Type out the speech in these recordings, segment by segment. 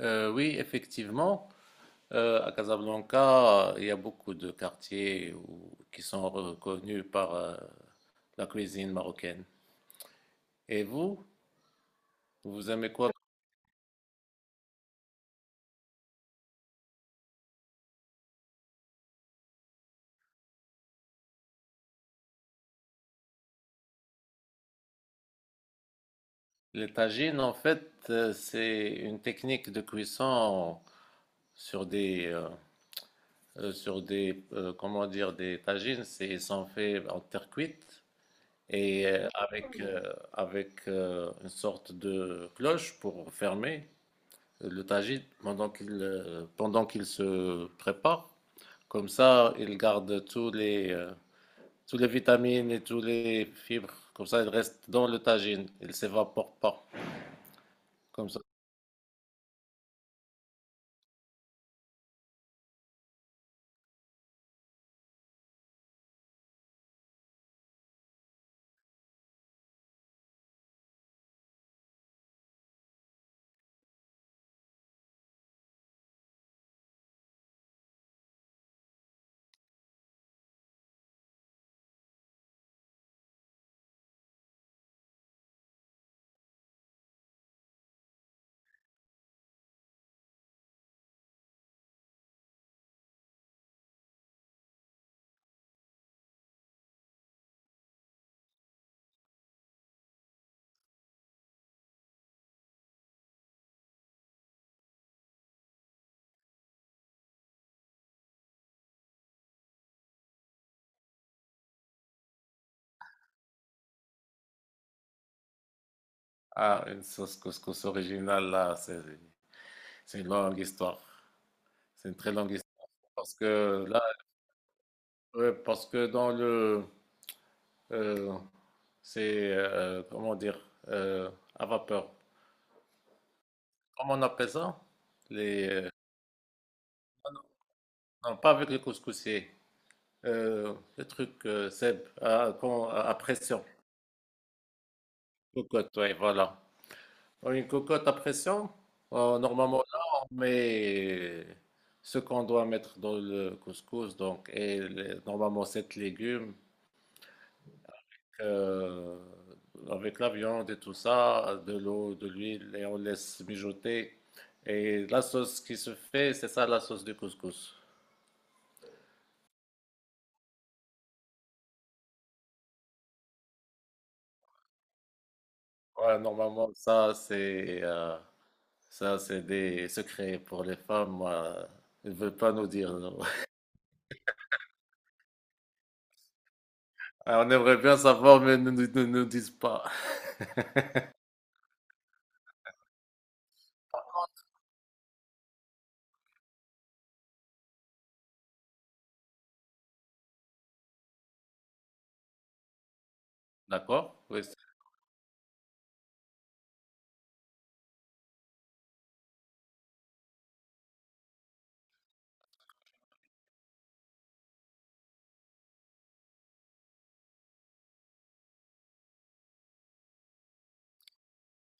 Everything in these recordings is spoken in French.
Oui, Effectivement, à Casablanca, il y a beaucoup de quartiers qui sont reconnus par la cuisine marocaine. Et vous, vous aimez quoi? Les tagines, en fait, c'est une technique de cuisson sur des, euh, sur des, comment dire, des tagines. Ils sont faits en terre cuite et avec une sorte de cloche pour fermer le tagine pendant qu'il se prépare. Comme ça, il garde tous les vitamines et tous les fibres. Comme ça, il reste dans le tagine. Il ne s'évapore pas. Comme ça. Ah, une sauce couscous originale là, c'est une longue histoire. C'est une très longue histoire parce que là, ouais, parce que dans le euh, c'est comment dire, euh, à vapeur. Comment on appelle ça? Les Non, non, pas avec les couscoussiers. Le truc, Seb, à pression. Cocotte, oui, voilà. Oh, une cocotte à pression. Oh, normalement, là, on met ce qu'on doit mettre dans le couscous, donc, normalement, sept légumes, euh, avec la viande et tout ça, de l'eau, de l'huile, et on laisse mijoter. Et la sauce qui se fait, c'est ça, la sauce du couscous. Ouais, normalement, ça, c'est des secrets pour les femmes. Moi, ils ne veulent pas nous dire. Non. Alors, on aimerait bien savoir, mais ils ne nous disent pas. D'accord? Oui.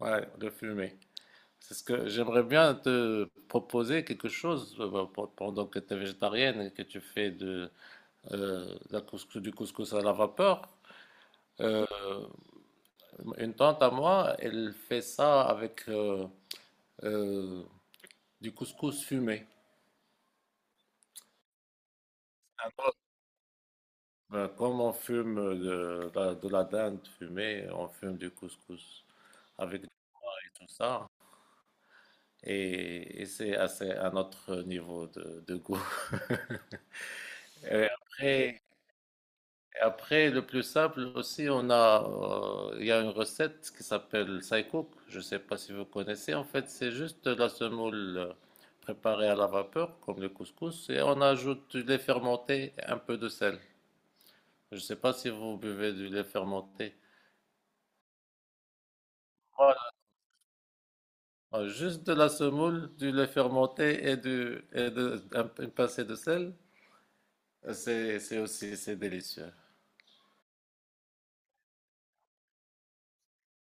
Ouais, le fumet. C'est ce que j'aimerais bien te proposer quelque chose, pendant que tu es végétarienne et que tu fais du couscous à la vapeur. Euh, une tante à moi, elle fait ça avec euh, du couscous fumé. Ben, comme on fume de de la dinde fumée, on fume du couscous avec tout ça. Et c'est assez un autre niveau de goût. Et après, et après, le plus simple aussi, on a, il y a une recette qui s'appelle Saïkouk. Je ne sais pas si vous connaissez. En fait, c'est juste de la semoule préparée à la vapeur, comme le couscous, et on ajoute du lait fermenté et un peu de sel. Je ne sais pas si vous buvez du lait fermenté. Ah, juste de la semoule, du lait fermenté et, du, et de, un- une pincée de sel, c'est aussi c'est délicieux.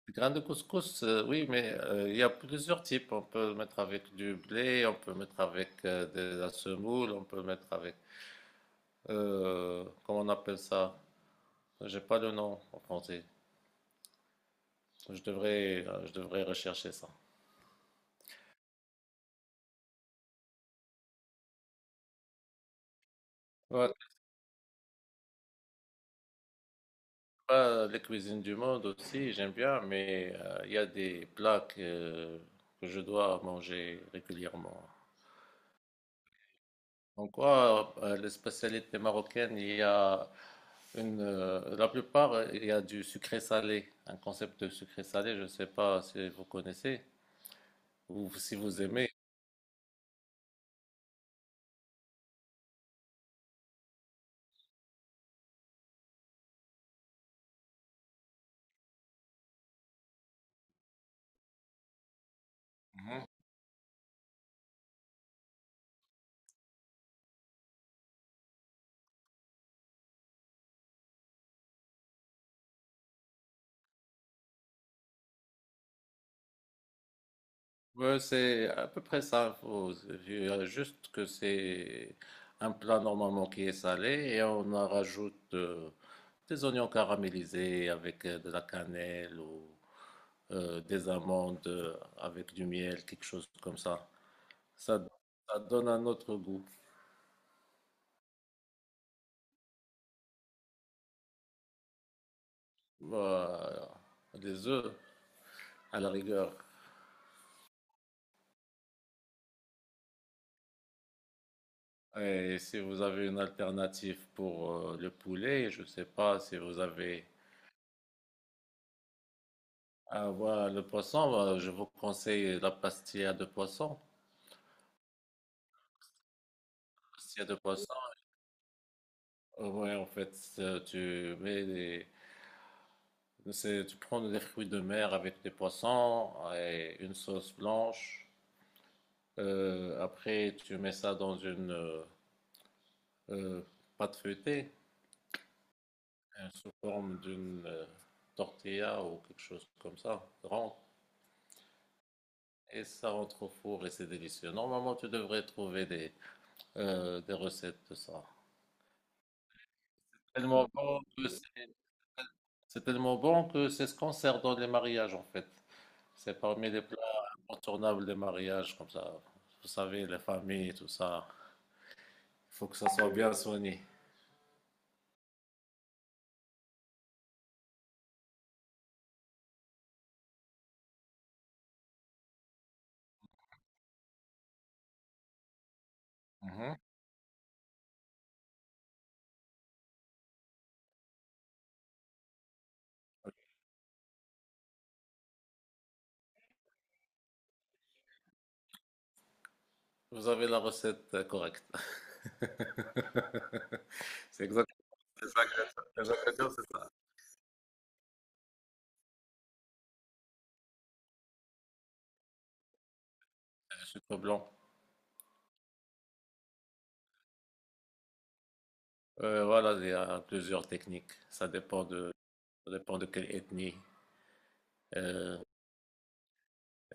Du grain de couscous, oui, mais il y a plusieurs types. On peut le mettre avec du blé, on peut mettre avec de la semoule, on peut mettre avec… comment on appelle ça? J'ai pas le nom en français. Je devrais rechercher ça. Ouais, c'est pas les cuisines du monde aussi, j'aime bien, mais il y a des plats que je dois manger régulièrement. En quoi les spécialités marocaines, il y a une, la plupart, il y a du sucré-salé, un concept de sucré-salé, je ne sais pas si vous connaissez ou si vous aimez. Ouais, c'est à peu près ça. Il y a juste que c'est un plat normalement qui est salé et on en rajoute des oignons caramélisés avec de la cannelle ou des amandes, avec du miel, quelque chose comme ça. Ça, Ça donne un autre goût. Bah, des œufs, à la rigueur. Et si vous avez une alternative pour le poulet, je ne sais pas si vous avez. Ah, voilà, le poisson, bah, je vous conseille la pastilla de poisson. Pastilla de poisson. Ouais, en fait, euh, tu mets des. Tu prends des fruits de mer avec des poissons et une sauce blanche. Après, tu mets ça dans une euh, pâte feuilletée, sous forme d'une, tortilla ou quelque chose comme ça, rentre et ça rentre au four et c'est délicieux. Normalement, tu devrais trouver des recettes de ça. Tellement bon que C'est tellement bon que c'est ce qu'on sert dans les mariages en fait. C'est parmi les plats incontournables des mariages comme ça. Vous savez, les familles, tout ça. Il faut que ça soit bien soigné. Mhm. Vous avez la recette correcte. C'est exactement c'est ça que les ingrédients, c'est ça. Du blanc. Voilà, il y a plusieurs techniques. Ça dépend ça dépend de quelle ethnie. Euh,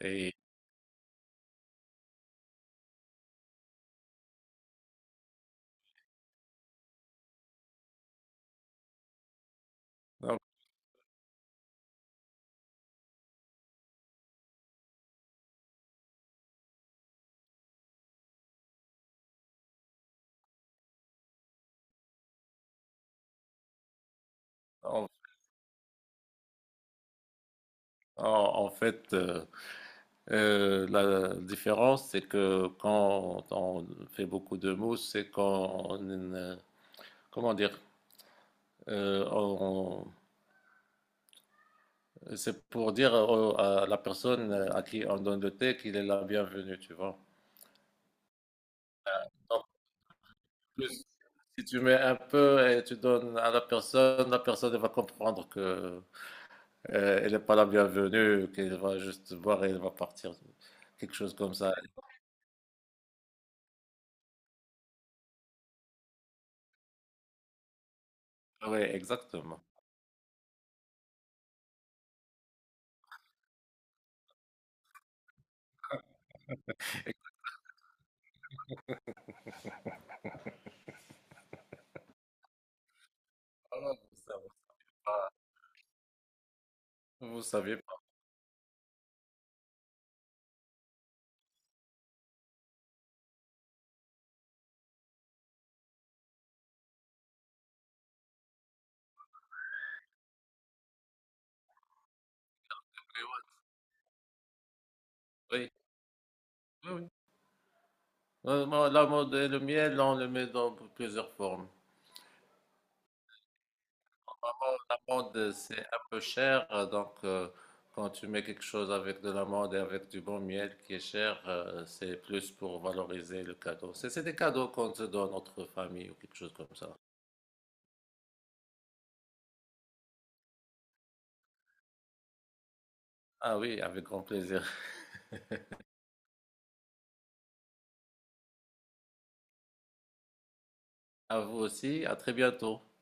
et donc, en, en fait, la différence, c'est que quand on fait beaucoup de mousse, c'est qu'on, comment dire, euh, on- c'est pour dire à la personne à qui on donne le thé qu'il est la bienvenue, tu vois. Donc, plus, si tu mets un peu et tu donnes à la personne elle va comprendre que, elle n'est pas la bienvenue, qu'elle va juste boire et elle va partir. Quelque chose comme ça. Oui, exactement. Ah, vous savez pas. Oui, oui, oui. Moi, la mode et le miel, on le met dans plusieurs formes. La mode, c'est un peu cher, donc quand tu mets quelque chose avec de l'amande et avec du bon miel qui est cher, c'est plus pour valoriser le cadeau. C'est des cadeaux qu'on se donne entre famille ou quelque chose comme ça. Ah oui, avec grand plaisir. À vous aussi, à très bientôt.